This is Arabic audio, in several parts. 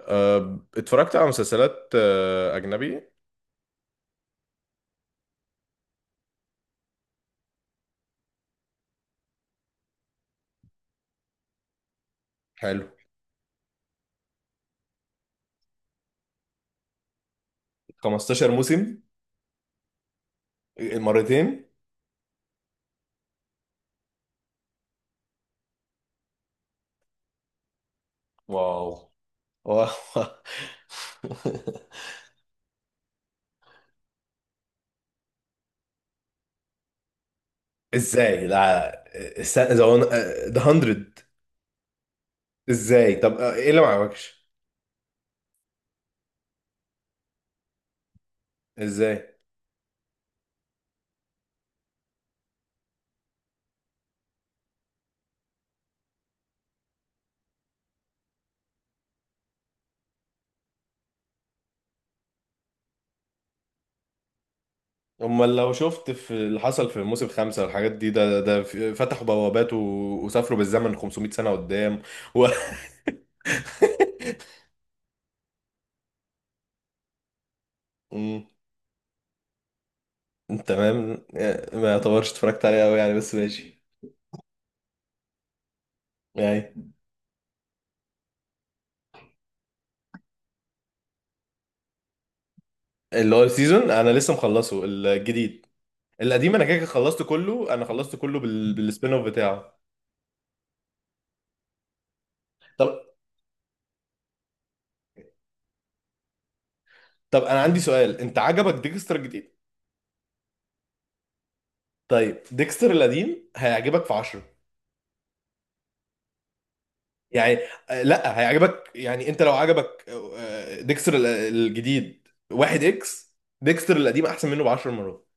اتفرجت على مسلسلات أجنبي. حلو. 15 موسم. مرتين. واو! واو! ازاي؟ لا. ذا 100. ازاي؟ طب، ايه اللي ما عجبكش؟ ازاي؟ امال لو شفت في اللي حصل في موسم خمسة والحاجات دي، فتحوا بوابات وسافروا بالزمن 500 سنة قدام و... مم، تمام. ما يعتبرش اتفرجت عليه قوي يعني، بس ماشي. يعني. اللي هو السيزون، انا لسه مخلصه الجديد. القديم انا كده كده خلصته كله، انا خلصته كله بالسبين اوف بتاعه. طب طب، انا عندي سؤال، انت عجبك ديكستر الجديد؟ طيب، ديكستر القديم هيعجبك في 10؟ يعني لا هيعجبك، يعني انت لو عجبك ديكستر الجديد واحد اكس، ديكستر القديم احسن منه ب 10 مرات.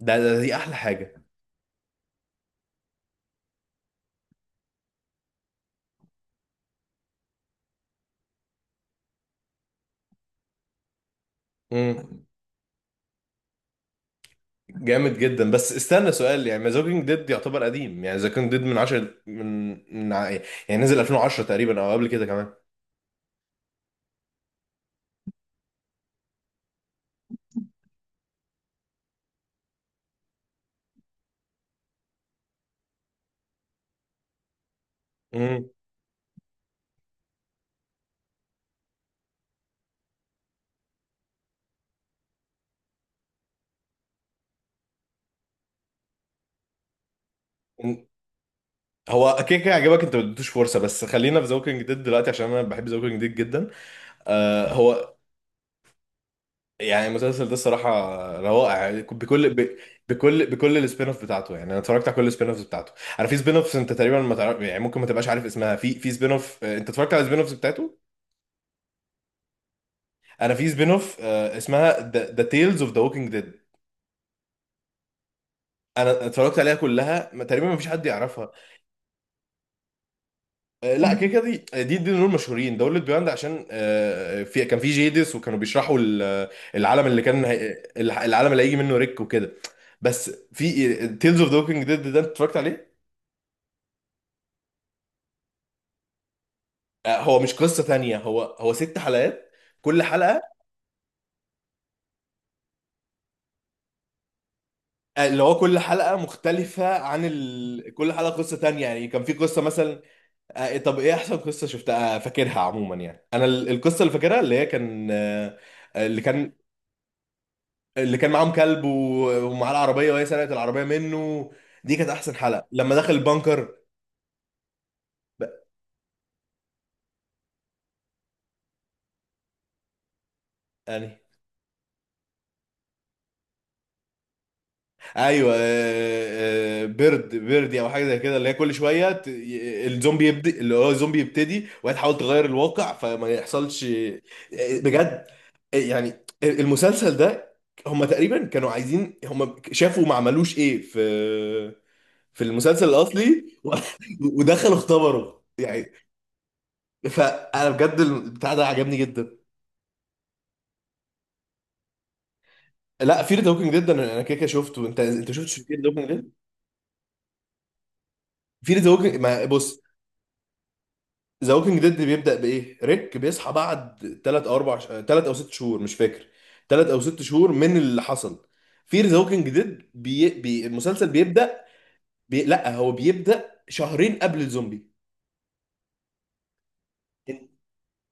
ده, ده دي احلى حاجة. امم. جامد جدا، بس استنى سؤال، يعني ذا كينج ديد يعتبر قديم، يعني ذا كينج ديد من 10، من ع- يعني نزل 2010 تقريبا او قبل كده كمان. امم. هو كده كده عجبك، انت ما اديتوش فرصه، بس خلينا في ذا كينج ديد دلوقتي عشان انا بحب ذا كينج ديد جدا. هو. يعني المسلسل ده الصراحه روائع، بكل السبين اوف بتاعته، يعني انا اتفرجت على كل السبين اوفز بتاعته. انا في سبين اوفز انت تقريبا ما تعرف، يعني ممكن ما تبقاش عارف اسمها، في سبين اوف انت اتفرجت على السبين اوفز بتاعته. انا في سبين اوف اسمها ذا تيلز اوف ذا ووكينج ديد. انا اتفرجت عليها كلها، تقريبا ما فيش حد يعرفها. لا كده كده دي، دول مشهورين، دول بيوند عشان في كان في جيدس وكانوا بيشرحوا العالم اللي كان العالم اللي هيجي منه ريك وكده. بس في تيلز اوف ذا ووكينج ديد ده انت اتفرجت عليه؟ هو مش قصة تانية، هو ست حلقات، كل حلقة. اللي هو كل حلقة مختلفة عن كل حلقة قصة تانية، يعني كان في قصة مثلا. طب ايه احسن قصة شفتها فاكرها عموما؟ يعني انا القصة اللي فاكرها اللي هي كان اللي كان، اللي كان معاهم كلب ومعاه العربيه وهي سرقت العربيه منه، دي كانت احسن حلقه لما دخل البنكر. بقى- يعني ايوه، بيرد بيردي او حاجه زي كده، اللي هي كل شويه الزومبي يبدا، اللي هو الزومبي يبتدي وهي تحاول تغير الواقع فما يحصلش. بجد. يعني المسلسل ده، هم تقريبا كانوا عايزين، هم شافوا ما عملوش ايه في، في المسلسل الاصلي ودخلوا اختبروا يعني. فانا بجد البتاع ده عجبني جدا. لا في ذا ووكينج ديد انا كده كده شفته، انت شفتش في ذا ووكينج ديد؟ في ذا ووكينج، ما بص، ذا ووكينج ديد بيبدا بايه، ريك بيصحى بعد 3 او 4، 3 او 6 شهور مش فاكر، 3 او 6 شهور من اللي حصل. في ذا ووكينج ديد المسلسل بيبدا، لا هو بيبدا شهرين قبل الزومبي. إن-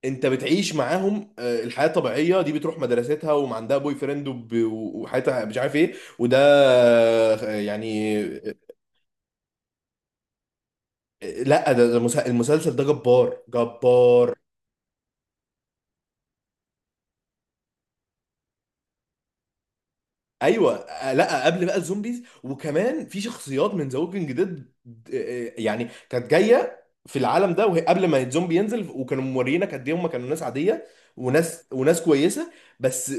انت بتعيش معاهم الحياه الطبيعيه دي، بتروح مدرستها ومعندها بوي فريند وحياتها مش عارف ايه وده. يعني. لا ده، المسلسل ده جبار جبار. ايوه. لا قبل بقى الزومبيز، وكمان في شخصيات من ذا ووكينج ديد. يعني كانت جايه في العالم ده، وهي قبل ما الزومبي ينزل، وكانوا موريينك قد ايه هم كانوا ناس عاديه، وناس كويسه. بس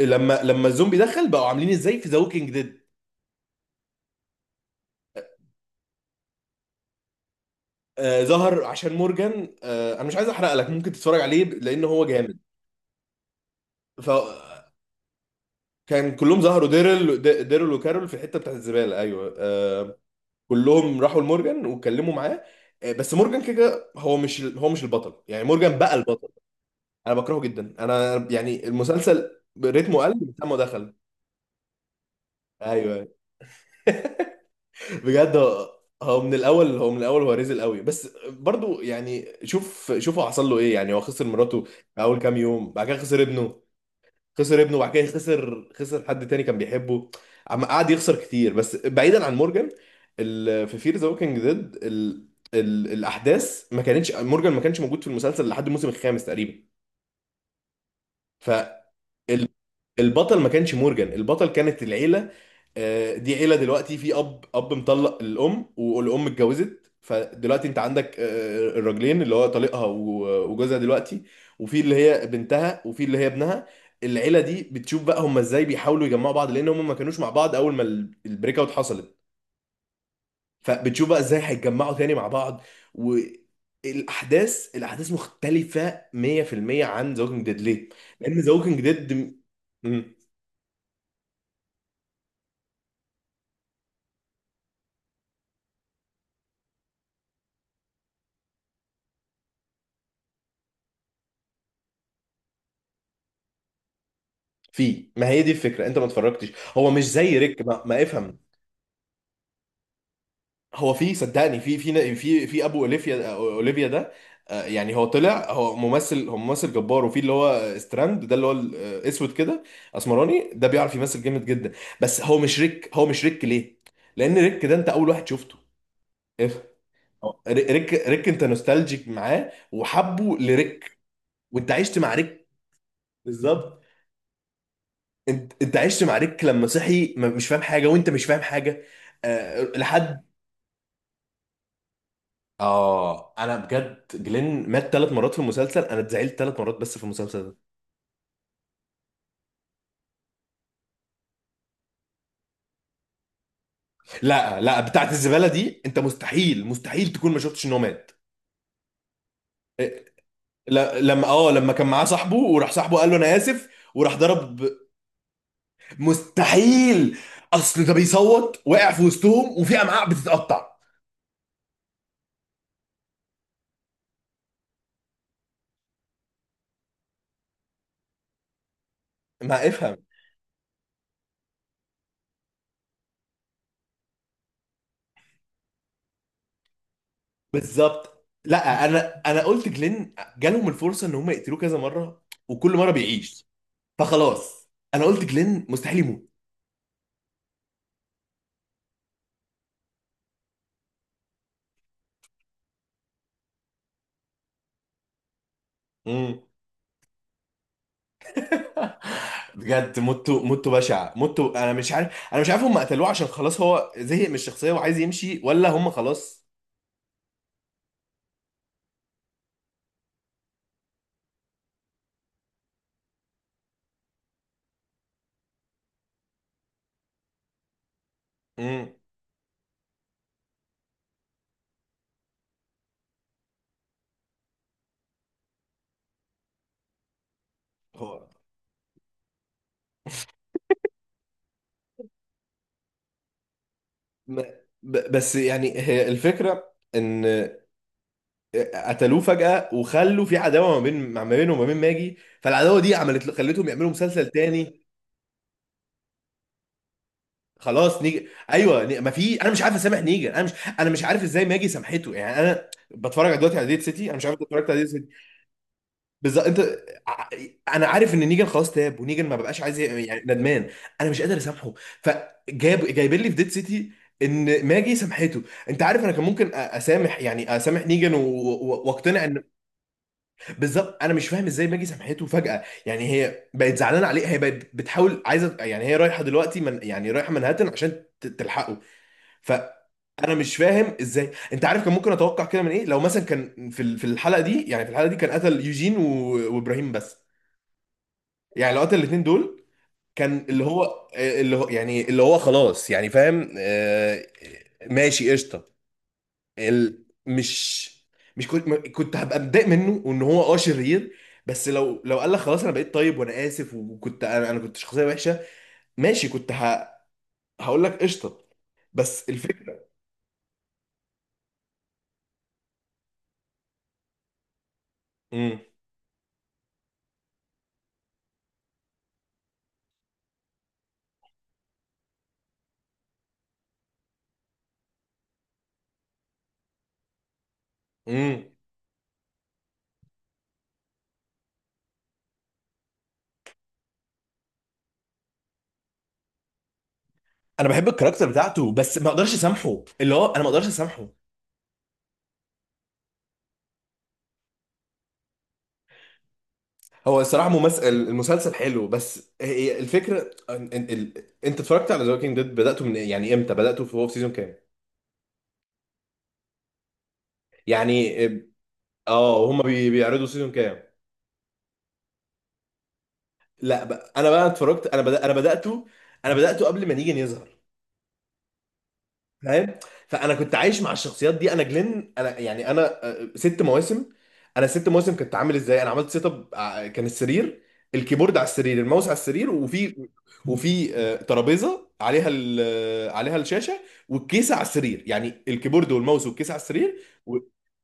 لما الزومبي دخل، بقوا عاملين ازاي في ذا ووكينج ديد. ظهر عشان مورجان، انا مش عايز احرق لك، ممكن تتفرج عليه لان هو جامد. فكان كلهم ظهروا، ديرل، ديرل وكارول في الحته بتاعت الزباله، ايوه. كلهم راحوا لمورجان واتكلموا معاه. بس مورجان كده كده هو مش البطل، يعني مورجان بقى البطل. انا بكرهه جدا، انا يعني المسلسل رتمه قل من ساعه ما دخل. ايوه. بجد هو، هو من الاول هو رزل قوي، بس برضو يعني شوف شوف هو حصل له ايه، يعني هو خسر مراته في اول كام يوم، بعد كده خسر ابنه، خسر ابنه، وبعد كده خسر حد تاني كان بيحبه. عم قعد يخسر كتير. بس بعيدا عن مورجان، في فير ذا ووكينج ديد، الاحداث ما كانتش، مورجان ما كانش موجود في المسلسل لحد الموسم الخامس تقريبا. فال البطل ما كانش مورجان، البطل كانت العيله. دي عيله دلوقتي في اب مطلق الام، والام اتجوزت، فدلوقتي انت عندك الراجلين، اللي هو طليقها وجوزها دلوقتي، وفي اللي هي بنتها، وفي اللي هي ابنها. العيله دي بتشوف بقى هم ازاي بيحاولوا يجمعوا بعض، لان هم ما كانوش مع بعض اول ما البريك اوت حصلت. فبتشوف بقى ازاي هيتجمعوا تاني مع بعض، والاحداث، مختلفه 100% عن ذا ووكينج ديد. ليه؟ لان ذا ووكينج ديد في، ما هي دي الفكره، انت ما اتفرجتش، هو مش زي ريك، ما افهم. هو في، صدقني في ابو اوليفيا ده يعني هو طلع، هو ممثل جبار، وفي اللي هو ستراند ده اللي هو الاسود كده، اسمراني ده، بيعرف يمثل جامد جدا. بس هو مش ريك، هو مش ريك. ليه؟ لان ريك ده انت اول واحد شفته، افهم. هو ريك انت نوستالجيك معاه، وحبه لريك، وانت عشت مع ريك. بالظبط. انت عشت مع ريك لما صحي، مش فاهم حاجه وانت مش فاهم حاجه. لحد، اه انا بجد جلين مات ثلاث مرات في المسلسل، انا اتزعلت ثلاث مرات بس في المسلسل ده. لا، لا، بتاعت الزباله دي انت مستحيل، مستحيل تكون ما شفتش ان هو مات. إيه، لما، لما كان معاه صاحبه، وراح صاحبه قال له انا اسف، وراح ضرب. مستحيل. اصل ده بيصوت، وقع في وسطهم، وفي امعاء بتتقطع. ما افهم. بالظبط. لا انا قلت جلين جالهم الفرصه ان هم يقتلوه كذا مره، وكل مره بيعيش، فخلاص انا قلت جلين مستحيل يموت. امم. بجد موته، موته بشع موته، انا مش عارف، هم قتلوه عشان خلاص هو زهق من الشخصيه وعايز يمشي، ولا هم خلاص. امم. هو، م- بس يعني هي الفكره ان قتلوه فجأة، وخلوا في عداوة ما بين، ما بينه وما بين ماجي، فالعداوة دي عملت، خلتهم يعملوا مسلسل تاني. خلاص نيجي. ايوه. ما في، انا مش عارف اسامح نيجر، انا مش، انا مش عارف ازاي ماجي سامحته. يعني انا بتفرج على دلوقتي، على ديت سيتي. انا مش عارف، انت اتفرجت على ديت سيتي؟ بالظبط. انت، ع- انا عارف ان نيجر خلاص تاب، ونيجر ما بقاش عايز يعني ندمان، انا مش قادر اسامحه، فجاب جايبين لي في ديت سيتي ان ماجي سامحته. انت عارف، انا كان ممكن اسامح، يعني اسامح نيجان واقتنع ان، بالظبط، انا مش فاهم ازاي ماجي سامحته فجأة. يعني هي بقت زعلانه عليه، هي بقت بتحاول، عايزه، يعني هي رايحه دلوقتي من، يعني رايحه منهاتن عشان تلحقه. فانا مش فاهم ازاي، انت عارف، كان ممكن اتوقع كده من ايه؟ لو مثلا كان في في الحلقه دي، يعني في الحلقه دي كان قتل يوجين وابراهيم بس، يعني لو قتل الاثنين دول، كان اللي هو، يعني اللي هو خلاص، يعني فاهم، ماشي قشطه. مش، مش كنت، كنت هبقى متضايق منه، وان هو شرير، بس لو قال لك خلاص انا بقيت طيب وانا اسف، وكنت، انا كنت شخصيه وحشه، ماشي كنت هقول لك قشطه. بس الفكره، امم، انا بحب الكاركتر بتاعته، بس ما اقدرش اسامحه، اللي هو انا ما اقدرش اسامحه. هو الصراحه ممثل المسلسل حلو، بس هي الفكره انت اتفرجت على ذا ووكينج ديد بداته من إيه؟ يعني امتى بداته في، هو في سيزون كام؟ يعني، اه هما بيعرضوا سيزون كام؟ لا بقى، انا بقى اتفرجت، انا بداته، انا بداته قبل ما نيجي يظهر، فاهم؟ فانا كنت عايش مع الشخصيات دي، انا جلين، انا يعني انا ست مواسم، انا ست مواسم كنت عامل ازاي. انا عملت سيت اب، كان السرير، الكيبورد على السرير، الماوس على السرير، وفي، وفي ترابيزه عليها عليها الشاشه، والكيسه على السرير، يعني الكيبورد والماوس والكيسه على السرير، و-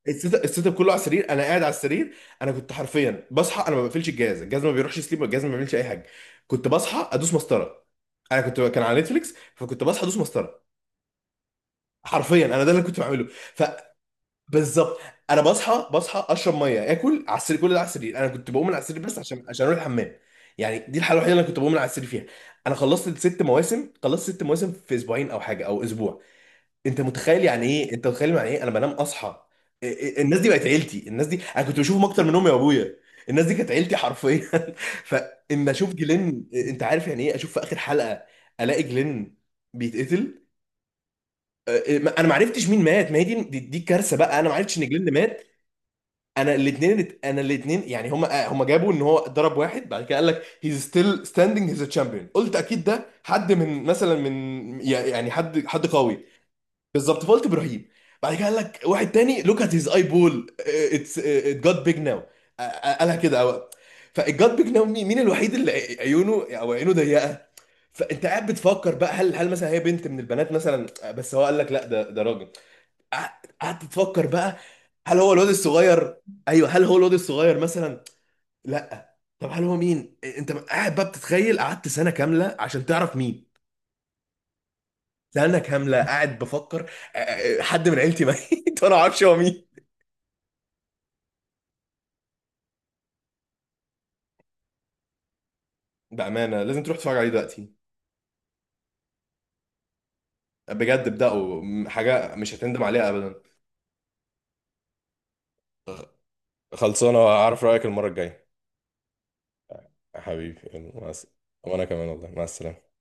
السيت اب كله على السرير، انا قاعد على السرير. انا كنت حرفيا بصحى، انا ما بقفلش الجهاز، الجهاز ما بيروحش سليب، الجهاز ما بيعملش اي حاجه، كنت بصحى ادوس مسطره، انا كنت، كان على نتفليكس فكنت بصحى ادوس مسطره، حرفيا انا ده اللي كنت بعمله. فبالظبط، انا بصحى، اشرب ميه، اكل على السرير، كل ده على السرير، انا كنت بقوم من على السرير بس عشان اروح الحمام، يعني دي الحاله الوحيده اللي انا كنت بقوم من على السرير فيها. انا خلصت ست مواسم، خلصت ست مواسم في اسبوعين او حاجه او اسبوع، انت متخيل يعني ايه؟ انت متخيل يعني ايه انا بنام اصحى؟ إيه- الناس دي بقت عيلتي، الناس دي انا كنت بشوفهم اكتر من امي وابويا، الناس دي كانت عيلتي حرفيا. فان اشوف جلين، انت عارف يعني ايه اشوف في اخر حلقه الاقي جلين بيتقتل؟ انا ما عرفتش مين مات، ما هي دي, كارثه بقى، انا ما عرفتش ان جلين مات. انا الاثنين، انا الاثنين، يعني هم جابوا ان هو ضرب واحد، بعد كده قال لك هيز ستيل ستاندينج، هيز تشامبيون، قلت اكيد ده حد من، مثلا من، يعني حد قوي. بالظبط، فقلت ابراهيم. بعد كده قال لك واحد تاني، لوك ات هيز اي بول، اتس ات جات بيج ناو، قالها كده، فالجات بيج ناو مين الوحيد اللي عيونه او عينه ضيقه؟ فانت قاعد بتفكر بقى، هل مثلا هي بنت من البنات مثلا، بس هو قال لك لا، ده راجل. قعدت تفكر بقى، هل هو الواد الصغير، ايوه هل هو الواد الصغير مثلا، لا طب هل هو مين؟ انت قاعد بقى بتتخيل، قعدت سنه كامله عشان تعرف مين، سنه كامله قاعد بفكر حد من عيلتي ميت وانا ما اعرفش هو مين. بامانه لازم تروح تتفرج عليه دلوقتي، بجد ابدأوا، حاجه مش هتندم عليها ابدا. خلصانه، اعرف رايك المره الجايه. يا حبيبي، يلا، وانا كمان والله، مع السلامه.